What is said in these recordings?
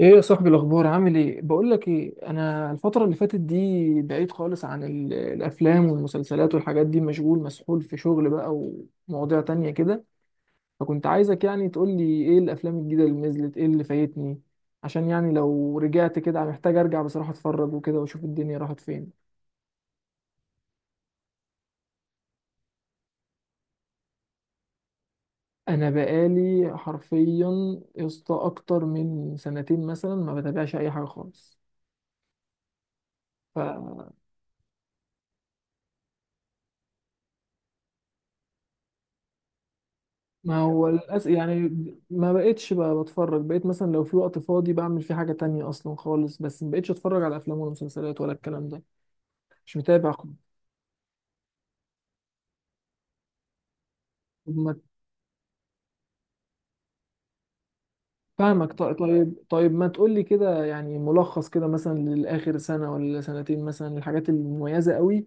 ايه يا صاحبي، الاخبار؟ عامل ايه؟ بقول لك ايه، انا الفتره اللي فاتت دي بعيد خالص عن الافلام والمسلسلات والحاجات دي، مشغول مسحول في شغل بقى، ومواضيع تانية كده. فكنت عايزك يعني تقول لي ايه الافلام الجديده اللي نزلت، ايه اللي فايتني، عشان يعني لو رجعت كده محتاج ارجع بصراحه اتفرج وكده، واشوف الدنيا راحت فين. انا بقالي حرفيا يا اسطى اكتر من سنتين مثلا ما بتابعش اي حاجه خالص. ما هو للأسف يعني. ما بقتش بقى بتفرج، بقيت مثلا لو في وقت فاضي بعمل فيه حاجة تانية أصلا خالص، بس ما بقتش أتفرج على أفلام ولا مسلسلات ولا الكلام ده. مش متابع خالص. طب ما، فاهمك. طيب، طيب، ما تقولي كده يعني ملخص كده، مثلا للآخر سنة ولا سنتين، مثلا الحاجات المميزة قوي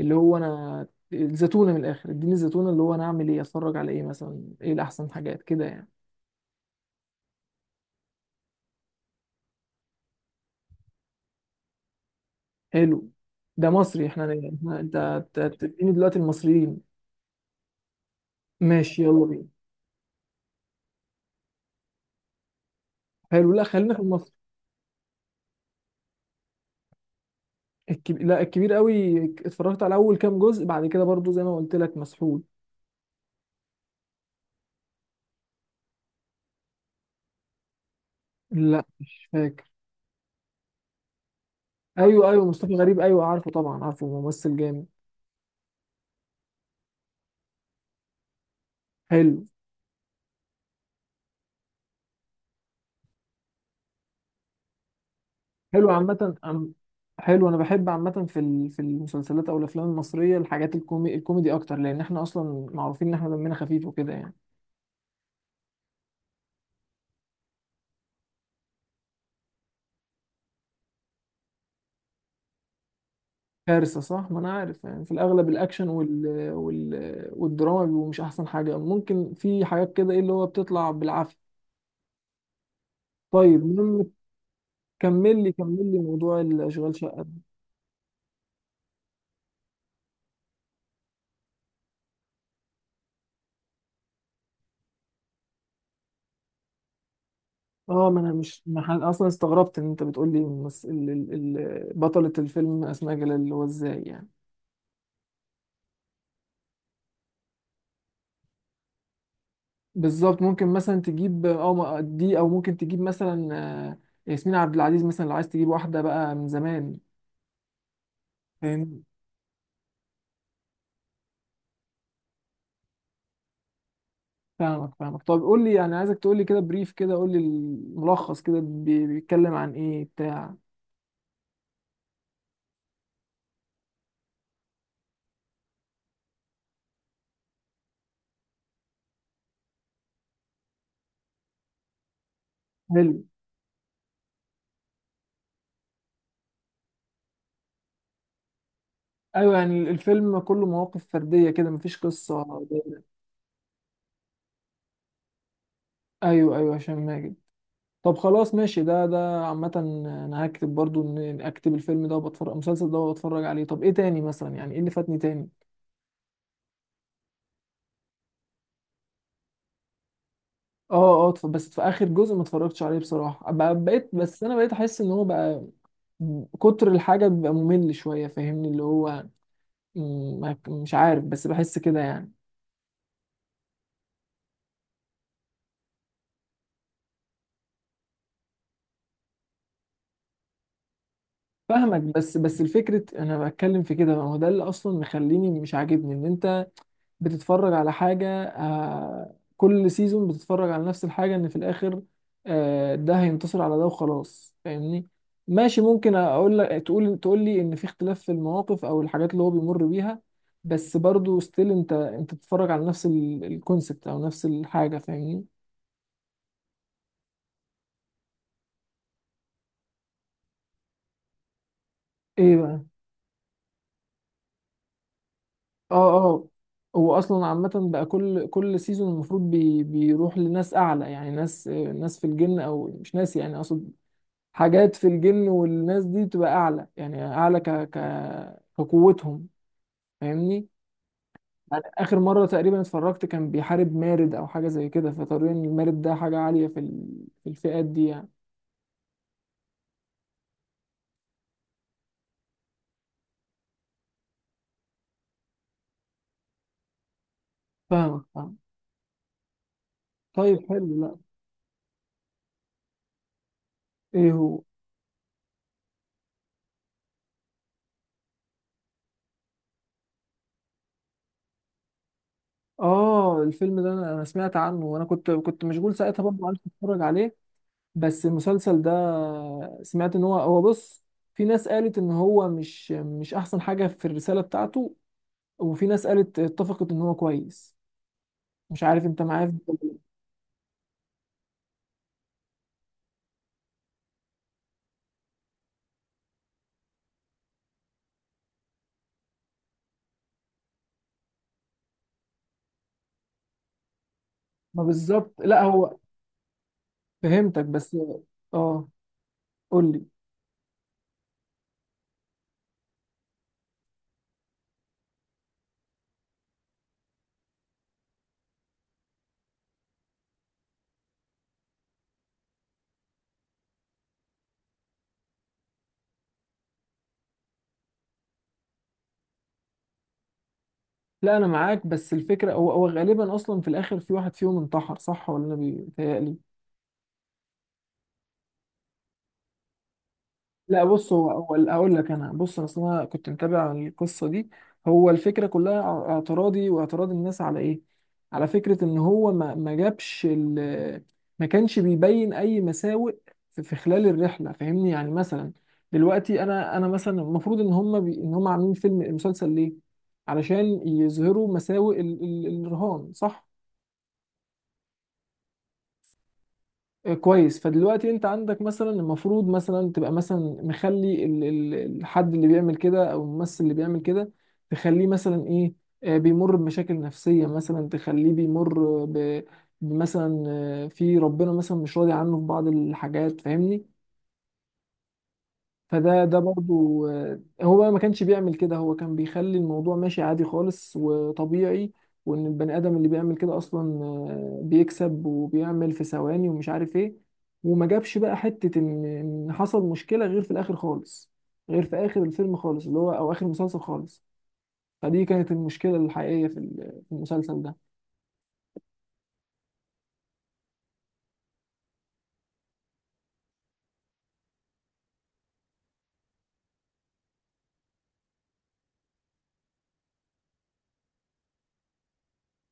اللي هو أنا. الزتونة، من الآخر اديني الزتونة، اللي هو أنا أعمل إيه؟ أتفرج على إيه مثلا؟ إيه الأحسن حاجات كده يعني؟ حلو. ده مصري؟ أنت تديني دلوقتي المصريين؟ ماشي، يلا بينا. حلو. لا، خلينا في المصري. لا، الكبير قوي اتفرجت على اول كام جزء، بعد كده برضو زي ما قلت لك مسحول. لا. مش فاكر. ايوه، ايوه، مصطفى غريب، ايوه عارفه، طبعا عارفه، ممثل جامد. حلو. حلو عامه حلو، انا بحب عامه في المسلسلات او الافلام المصريه الحاجات الكوميدي اكتر، لان احنا اصلا معروفين ان احنا دمنا خفيف وكده يعني. كارثه، صح. ما انا عارف يعني، في الاغلب الاكشن والدراما بيبقوا مش احسن حاجه، ممكن في حاجات كده ايه اللي هو بتطلع بالعافيه. طيب، المهم، كمل لي كمل لي موضوع الاشغال شقه ده. اه، ما انا مش ما ح- اصلا استغربت ان انت بتقول لي مس... ال... ال... ال... بطله الفيلم اسماء جلال، اللي هو ازاي يعني؟ بالظبط، ممكن مثلا تجيب اه دي، او ممكن تجيب مثلا آه، ياسمين عبد العزيز مثلا، لو عايز تجيب واحده بقى من زمان. فاهم، فاهمك، فاهمك. طب قول لي يعني، عايزك تقول لي كده بريف كده، قول لي الملخص كده، بيتكلم عن ايه بتاع. حلو. ايوه، يعني الفيلم كله مواقف فرديه كده مفيش قصه. دايرة. ايوه، ايوه، هشام ماجد. طب خلاص، ماشي. ده عامة انا هكتب برضو ان اكتب الفيلم ده وبتفرج المسلسل ده وبتفرج عليه. طب ايه تاني مثلا؟ يعني ايه اللي فاتني تاني؟ اه، اه، بس في اخر جزء ما اتفرجتش عليه بصراحة، بقيت، بس انا بقيت احس ان هو بقى كتر الحاجة بيبقى ممل شوية، فاهمني، اللي هو م، ما- مش عارف، بس بحس كده يعني. فاهمك، بس الفكرة انا بتكلم في كده، ما هو ده اللي اصلا مخليني مش عاجبني ان انت بتتفرج على حاجة، كل سيزون بتتفرج على نفس الحاجة، ان في الاخر ده هينتصر على ده وخلاص، فاهمني. ماشي، ممكن اقول لك، تقول لي ان في اختلاف في المواقف او الحاجات اللي هو بيمر بيها، بس برضو ستيل انت بتتفرج على نفس الكونسبت او نفس الحاجة، فاهمني. ايه بقى؟ اه، اه، هو اصلا عامة بقى كل سيزون المفروض بيروح لناس اعلى، يعني ناس، ناس في الجن، او مش ناس يعني اقصد حاجات في الجن، والناس دي بتبقى اعلى يعني اعلى كقوتهم، فاهمني. يعني اخر مره تقريبا اتفرجت كان بيحارب مارد او حاجه زي كده، فطبيعي ان المارد ده حاجه عاليه في الفئات دي يعني. فاهمك، فاهم. طيب، حلو. لا. ايه هو؟ اه، الفيلم ده انا سمعت عنه، وانا كنت مشغول ساعتها، برضه عارف اتفرج عليه. بس المسلسل ده سمعت ان هو بص، في ناس قالت ان هو مش احسن حاجه في الرساله بتاعته، وفي ناس قالت اتفقت ان هو كويس. مش عارف انت معايا في الكلام. ما بالظبط. لا، هو. فهمتك، بس اه، قول لي. لا، انا معاك. بس الفكره هو غالبا اصلا في الاخر في واحد فيهم انتحر، صح، ولا انا بيتهيألي؟ لا بص، هو هقول لك انا، بص، اصل انا كنت متابع القصه دي. هو الفكره كلها اعتراضي واعتراض الناس على ايه، على فكره ان هو ما جابش ما كانش بيبين اي مساوئ في خلال الرحله، فاهمني يعني مثلا، دلوقتي انا مثلا المفروض ان هم ان هم عاملين فيلم مسلسل ليه، علشان يظهروا مساوئ الرهان، صح؟ كويس، فدلوقتي انت عندك مثلا المفروض مثلا تبقى مثلا مخلي الحد اللي بيعمل كده، او الممثل اللي بيعمل كده، تخليه مثلا ايه، بيمر بمشاكل نفسية، مثلا تخليه بيمر بمثلا في ربنا مثلا مش راضي عنه في بعض الحاجات، فاهمني. فده برضو، هو بقى ما كانش بيعمل كده، هو كان بيخلي الموضوع ماشي عادي خالص وطبيعي. وان البني ادم اللي بيعمل كده اصلا بيكسب وبيعمل في ثواني ومش عارف ايه، وما جابش بقى حتة ان حصل مشكلة غير في الاخر خالص، غير في اخر الفيلم خالص، اللي هو، او اخر المسلسل خالص. فدي كانت المشكلة الحقيقية في المسلسل ده.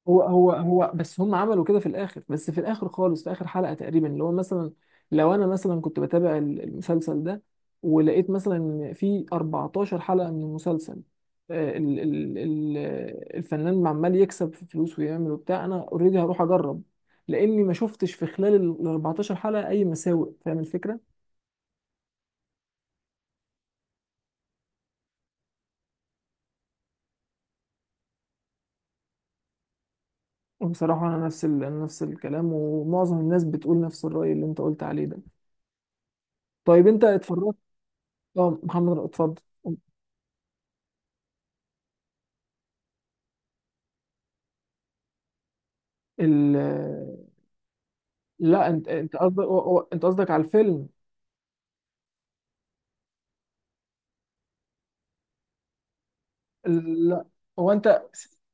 هو بس هم عملوا كده في الاخر، بس في الاخر خالص، في اخر حلقة تقريبا اللي هو مثلا، لو انا مثلا كنت بتابع المسلسل ده، ولقيت مثلا إن في 14 حلقة من المسلسل، ال ال ال الفنان عمال يكسب في فلوس ويعمل وبتاع، انا اوريدي هروح اجرب، لاني ما شفتش في خلال ال 14 حلقة اي مساوئ، فاهم الفكرة؟ بصراحة انا نفس ال أنا نفس الكلام، ومعظم الناس بتقول نفس الرأي اللي انت قلت عليه ده. طيب، انت اتفرجت؟ اه، محمد، اتفضل. ال- لا، انت قصدك انت قصدك على الفيلم؟ لا هو، انت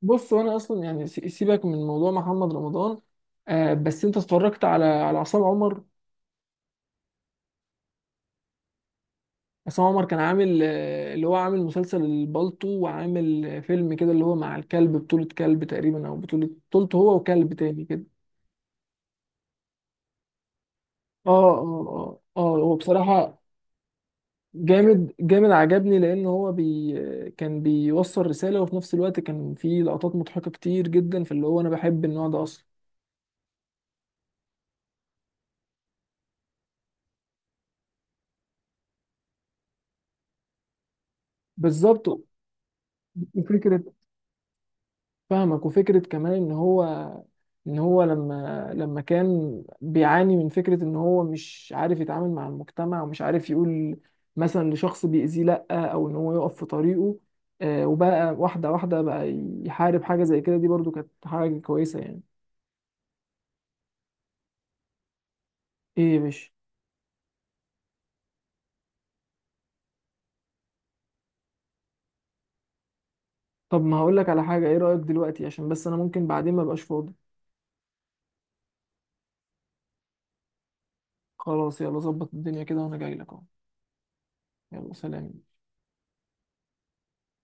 بص، هو انا اصلا يعني سيبك من موضوع محمد رمضان. بس انت اتفرجت على عصام عمر؟ عصام عمر كان عامل اللي هو عامل مسلسل البالطو، وعامل فيلم كده اللي هو مع الكلب، بطولة كلب تقريبا، او بطولته هو وكلب تاني كده. اه، اه، اه، اه، هو بصراحة جامد جامد عجبني، لان هو كان بيوصل رسالة، وفي نفس الوقت كان فيه لقطات مضحكة كتير جدا، فاللي هو انا بحب النوع ده اصلا. بالظبط. وفكرة، فاهمك، وفكرة كمان ان هو لما كان بيعاني من فكرة ان هو مش عارف يتعامل مع المجتمع، ومش عارف يقول مثلا لشخص بيأذيه لأ، او ان هو يقف في طريقه، وبقى واحدة واحدة بقى يحارب حاجة زي كده، دي برضو كانت حاجة كويسة يعني. ايه يا باشا؟ طب ما هقولك على حاجة، ايه رأيك دلوقتي؟ عشان بس انا ممكن بعدين ما بقاش فاضي. خلاص، يلا ظبط الدنيا كده، وانا جاي لك اهو. يلا، سلام.